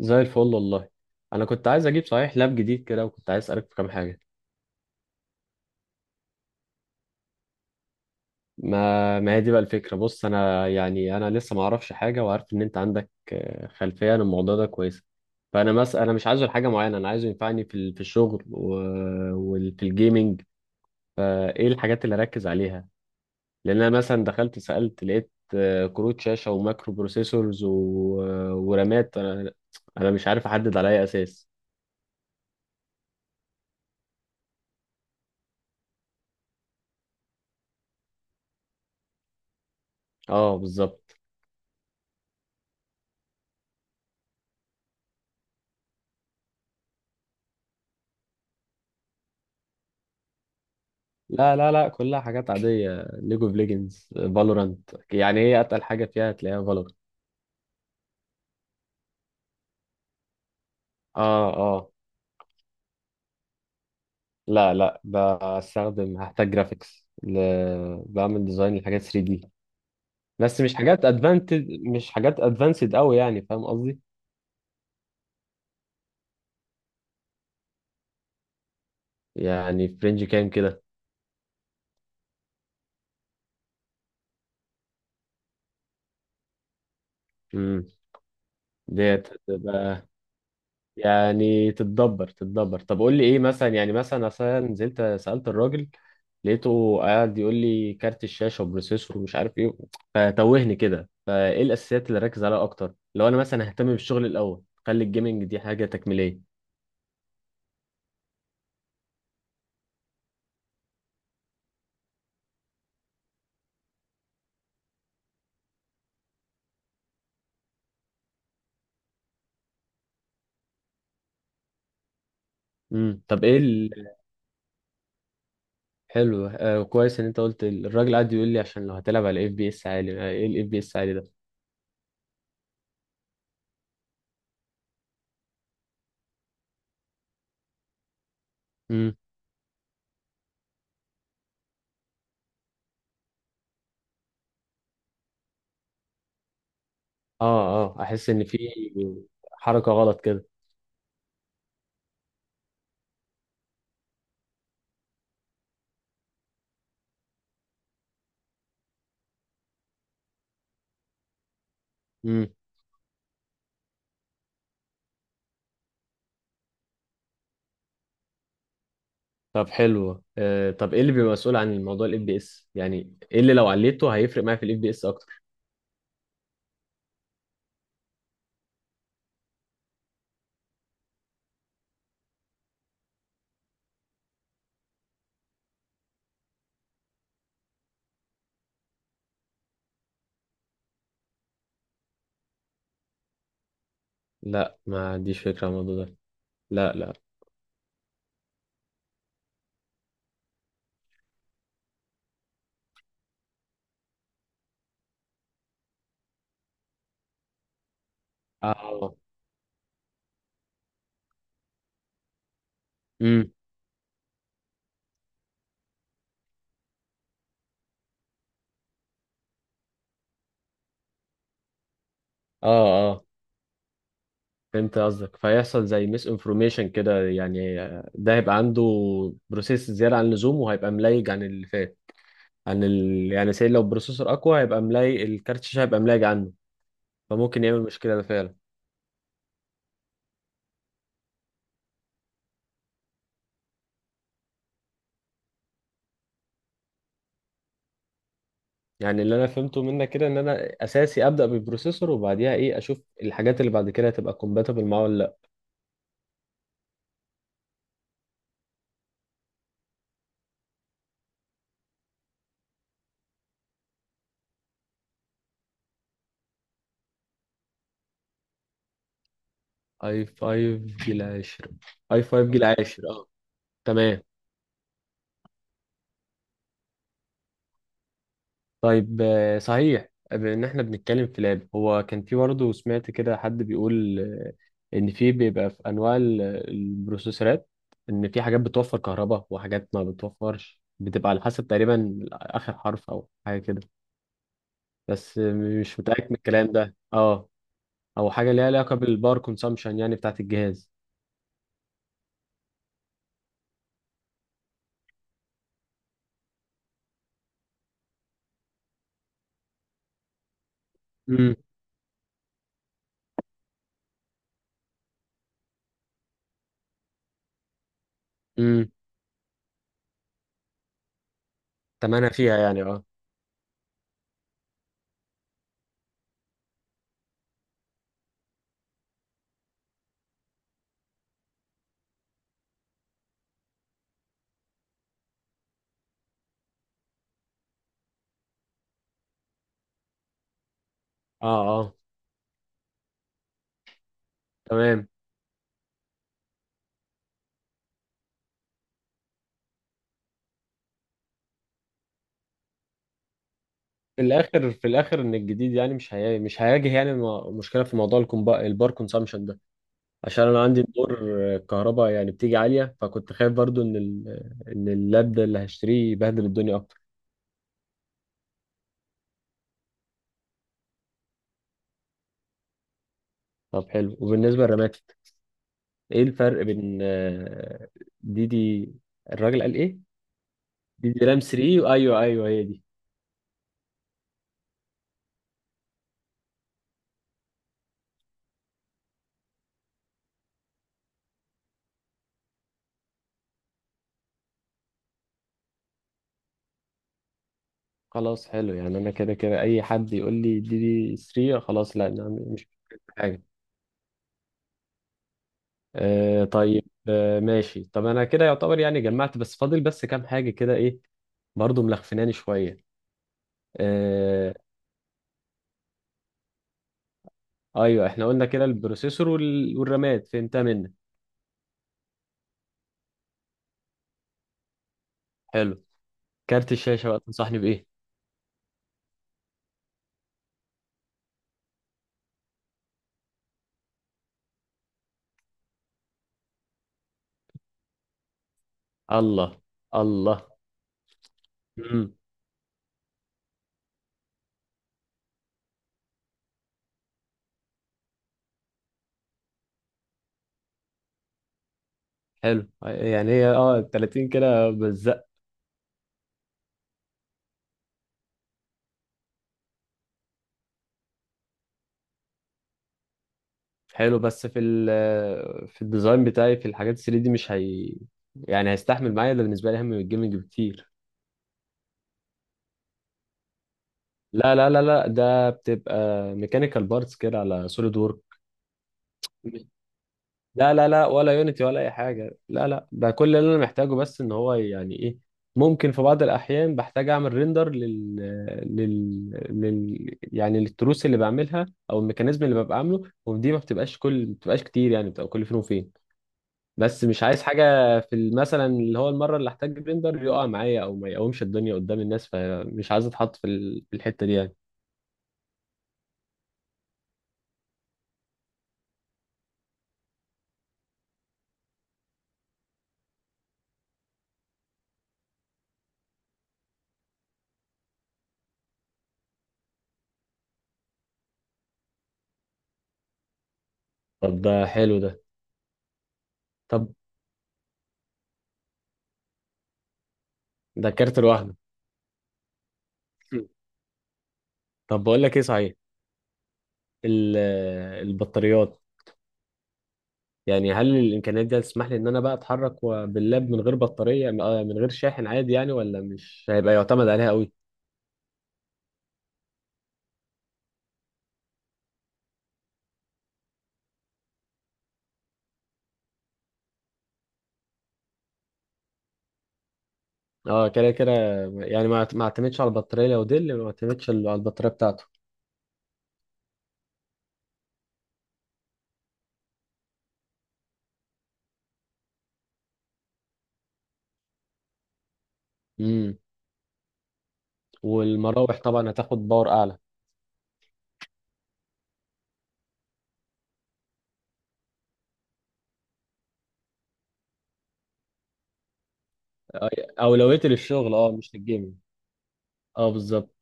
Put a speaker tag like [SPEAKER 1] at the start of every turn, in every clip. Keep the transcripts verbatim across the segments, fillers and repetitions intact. [SPEAKER 1] زي الفل والله. انا كنت عايز اجيب صحيح لاب جديد كده، وكنت عايز اسالك في كام حاجه. ما ما هي دي بقى الفكره. بص، انا يعني انا لسه ما اعرفش حاجه، وعارف ان انت عندك آه، خلفيه عن الموضوع ده كويسه. فانا مس انا مش عايزه لحاجه معينه، انا عايزه ينفعني في ال- في الشغل وفي الجيمنج. فايه الحاجات اللي اركز عليها؟ لان انا مثلا دخلت سالت لقيت آه، كروت شاشه ومايكرو بروسيسورز و... ورامات. انا انا مش عارف احدد على اي اساس. اه، بالظبط. لا لا لا، كلها حاجات عادية، ليج اوف ليجندز، فالورانت. يعني ايه اتقل حاجة فيها تلاقيها فالورانت. اه اه. لا لا، بستخدم هحتاج جرافيكس ل... بعمل ديزاين لحاجات ثري دي. بس مش حاجات ادفانتد مش حاجات ادفانسد قوي، يعني فاهم قصدي. يعني في رينج كام كده؟ امم. ديت هتبقى، يعني تتدبر تتدبر. طب قول لي ايه مثلا؟ يعني مثلا اصلا نزلت سألت الراجل، لقيته قاعد يقول لي كارت الشاشة وبروسيسور ومش عارف ايه، فتوهني كده. فايه الاساسيات اللي ركز عليها اكتر؟ لو انا مثلا ههتم بالشغل الاول، خلي الجيمنج دي حاجة تكميلية. امم، طب ايه ال- حلو، آه كويس ان انت قلت، ال- الراجل قاعد يقول لي، عشان لو هتلعب على اف بي اس عالي، آه، ايه الاف بي اس عالي ده؟ امم. اه، اه احس ان في حركة غلط كده. طب، حلو. آه، طب ايه اللي بيبقى مسؤول عن الموضوع الاف بي اس؟ يعني ايه اللي لو عليته هيفرق معايا في الاف بي اس اكتر؟ لا، ما عنديش فكره عن الموضوع ده. لا لا. اه. امم. اه اه، فهمت قصدك. فيحصل زي ميس انفورميشن كده، يعني آه، ده هيبقى عنده بروسيس زياده عن اللزوم، وهيبقى ملايج عن اللي فات، عن ال... يعني سي لو البروسيسور اقوى هيبقى ملايج، الكارت الشاشه هيبقى ملايج عنه، فممكن يعمل مشكله ده فعلا. يعني اللي انا فهمته منك كده، ان انا اساسي ابدا بالبروسيسور، وبعديها ايه؟ اشوف الحاجات اللي بعد كده هتبقى كومباتبل معاه ولا لا. اي فايف جيل عاشر. اي فايف جيل عاشر، اه. تمام. طيب، آه، صحيح، بما ان احنا بنتكلم في لاب، هو كان في، برضه سمعت كده حد بيقول، آه، ان في بيبقى في انواع ال- البروسيسورات، ان في حاجات بتوفر كهرباء وحاجات ما بتوفرش، بتبقى على حسب تقريبا اخر حرف او حاجه كده، بس آه، مش متاكد من الكلام ده. اه. او حاجه ليها علاقه بالباور كونسامشن، يعني بتاعه الجهاز. امم. امم. تمنها فيها يعني، اه. اه اه. تمام. في الاخر في الاخر ان الجديد، يعني مش هي... مش هيواجه، يعني م- مشكله في موضوع الكومبا... البار كونسامشن ده، عشان انا عندي دور الكهرباء يعني بتيجي عاليه، فكنت خايف برضو ان ال... ان اللاب ده اللي هشتريه يبهدل الدنيا اكتر. طب، حلو. وبالنسبه للرامات، ايه الفرق بين آه، دي دي؟ الراجل قال ايه؟ دي دي رام ثري. ايوه ايوه، هي دي. خلاص. حلو، يعني انا كده كده اي حد يقول لي دي دي ثلاثة خلاص، لا أنا مش حاجه. آه طيب، آه ماشي. طب انا كده يعتبر يعني جمعت، بس فاضل بس كام حاجه كده. ايه؟ برضو ملخفناني شويه. آه ايوه، احنا قلنا كده البروسيسور وال- والرامات فهمتها منك. حلو، كارت الشاشه بقى تنصحني بايه؟ الله. الله. امم حلو، يعني هي اه تلاتين كده بس؟ حلو. بس في ال في الديزاين بتاعي، في الحاجات ثري دي، مش هي يعني هيستحمل معايا؟ ده بالنسبة لي أهم من الجيمنج بكتير. لا لا لا لا، ده بتبقى ميكانيكال بارتس كده على سوليد وورك. لا لا لا، ولا يونيتي ولا أي حاجة، لا لا. ده كل اللي أنا محتاجه، بس إن هو يعني إيه، ممكن في بعض الأحيان بحتاج أعمل ريندر لل... لل... لل يعني للتروس اللي بعملها، أو الميكانيزم اللي ببقى عامله، ودي ما بتبقاش، كل ما بتبقاش كتير، يعني بتبقى كل فين وفين. بس مش عايز حاجة في ال- مثلا، اللي هو المرة اللي احتاج بلندر يقع معايا، او ما يقومش الدنيا قدام الناس، فمش عايز اتحط في ال- في الحتة دي يعني. طب ده حلو ده. طب ده كارت لوحده؟ طب بقول لك ايه صحيح، ال- البطاريات، يعني هل الامكانيات دي هتسمح لي ان انا بقى اتحرك و- باللاب من غير بطارية، م- آه، من غير شاحن عادي؟ يعني ولا مش هيبقى يعتمد عليها قوي؟ اه، كده كده، يعني ما ما اعتمدش على البطارية، لو دي اللي ما اعتمدش على البطارية بتاعته. امم. والمراوح طبعا هتاخد باور اعلى. أي- اولويتي للشغل، اه، مش للجيمنج. اه بالظبط.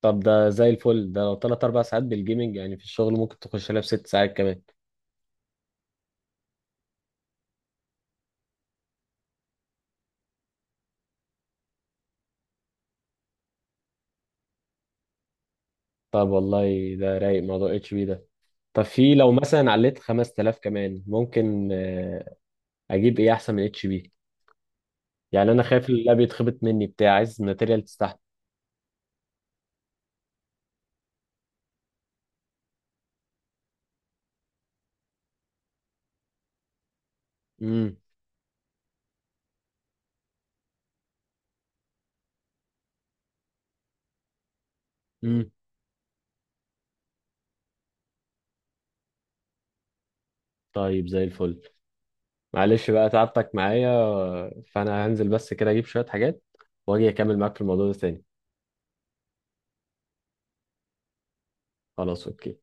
[SPEAKER 1] طب ده زي الفل. ده لو تلات اربع ساعات بالجيمنج، يعني في الشغل ممكن تخش لها بست ساعات كمان. طب والله، ده رايق موضوع اتش بي ده. طب، في لو مثلا عليت خمس تلاف كمان، ممكن آه، اجيب ايه احسن من اتش بي؟ يعني انا خايف اللاب يتخبط مني، بتاع عايز ماتيريال تستحمل. امم. امم. طيب، زي الفل. معلش بقى تعبتك معايا. فانا هنزل بس كده اجيب شوية حاجات، واجي اكمل معاك في الموضوع ده تاني. خلاص، اوكي.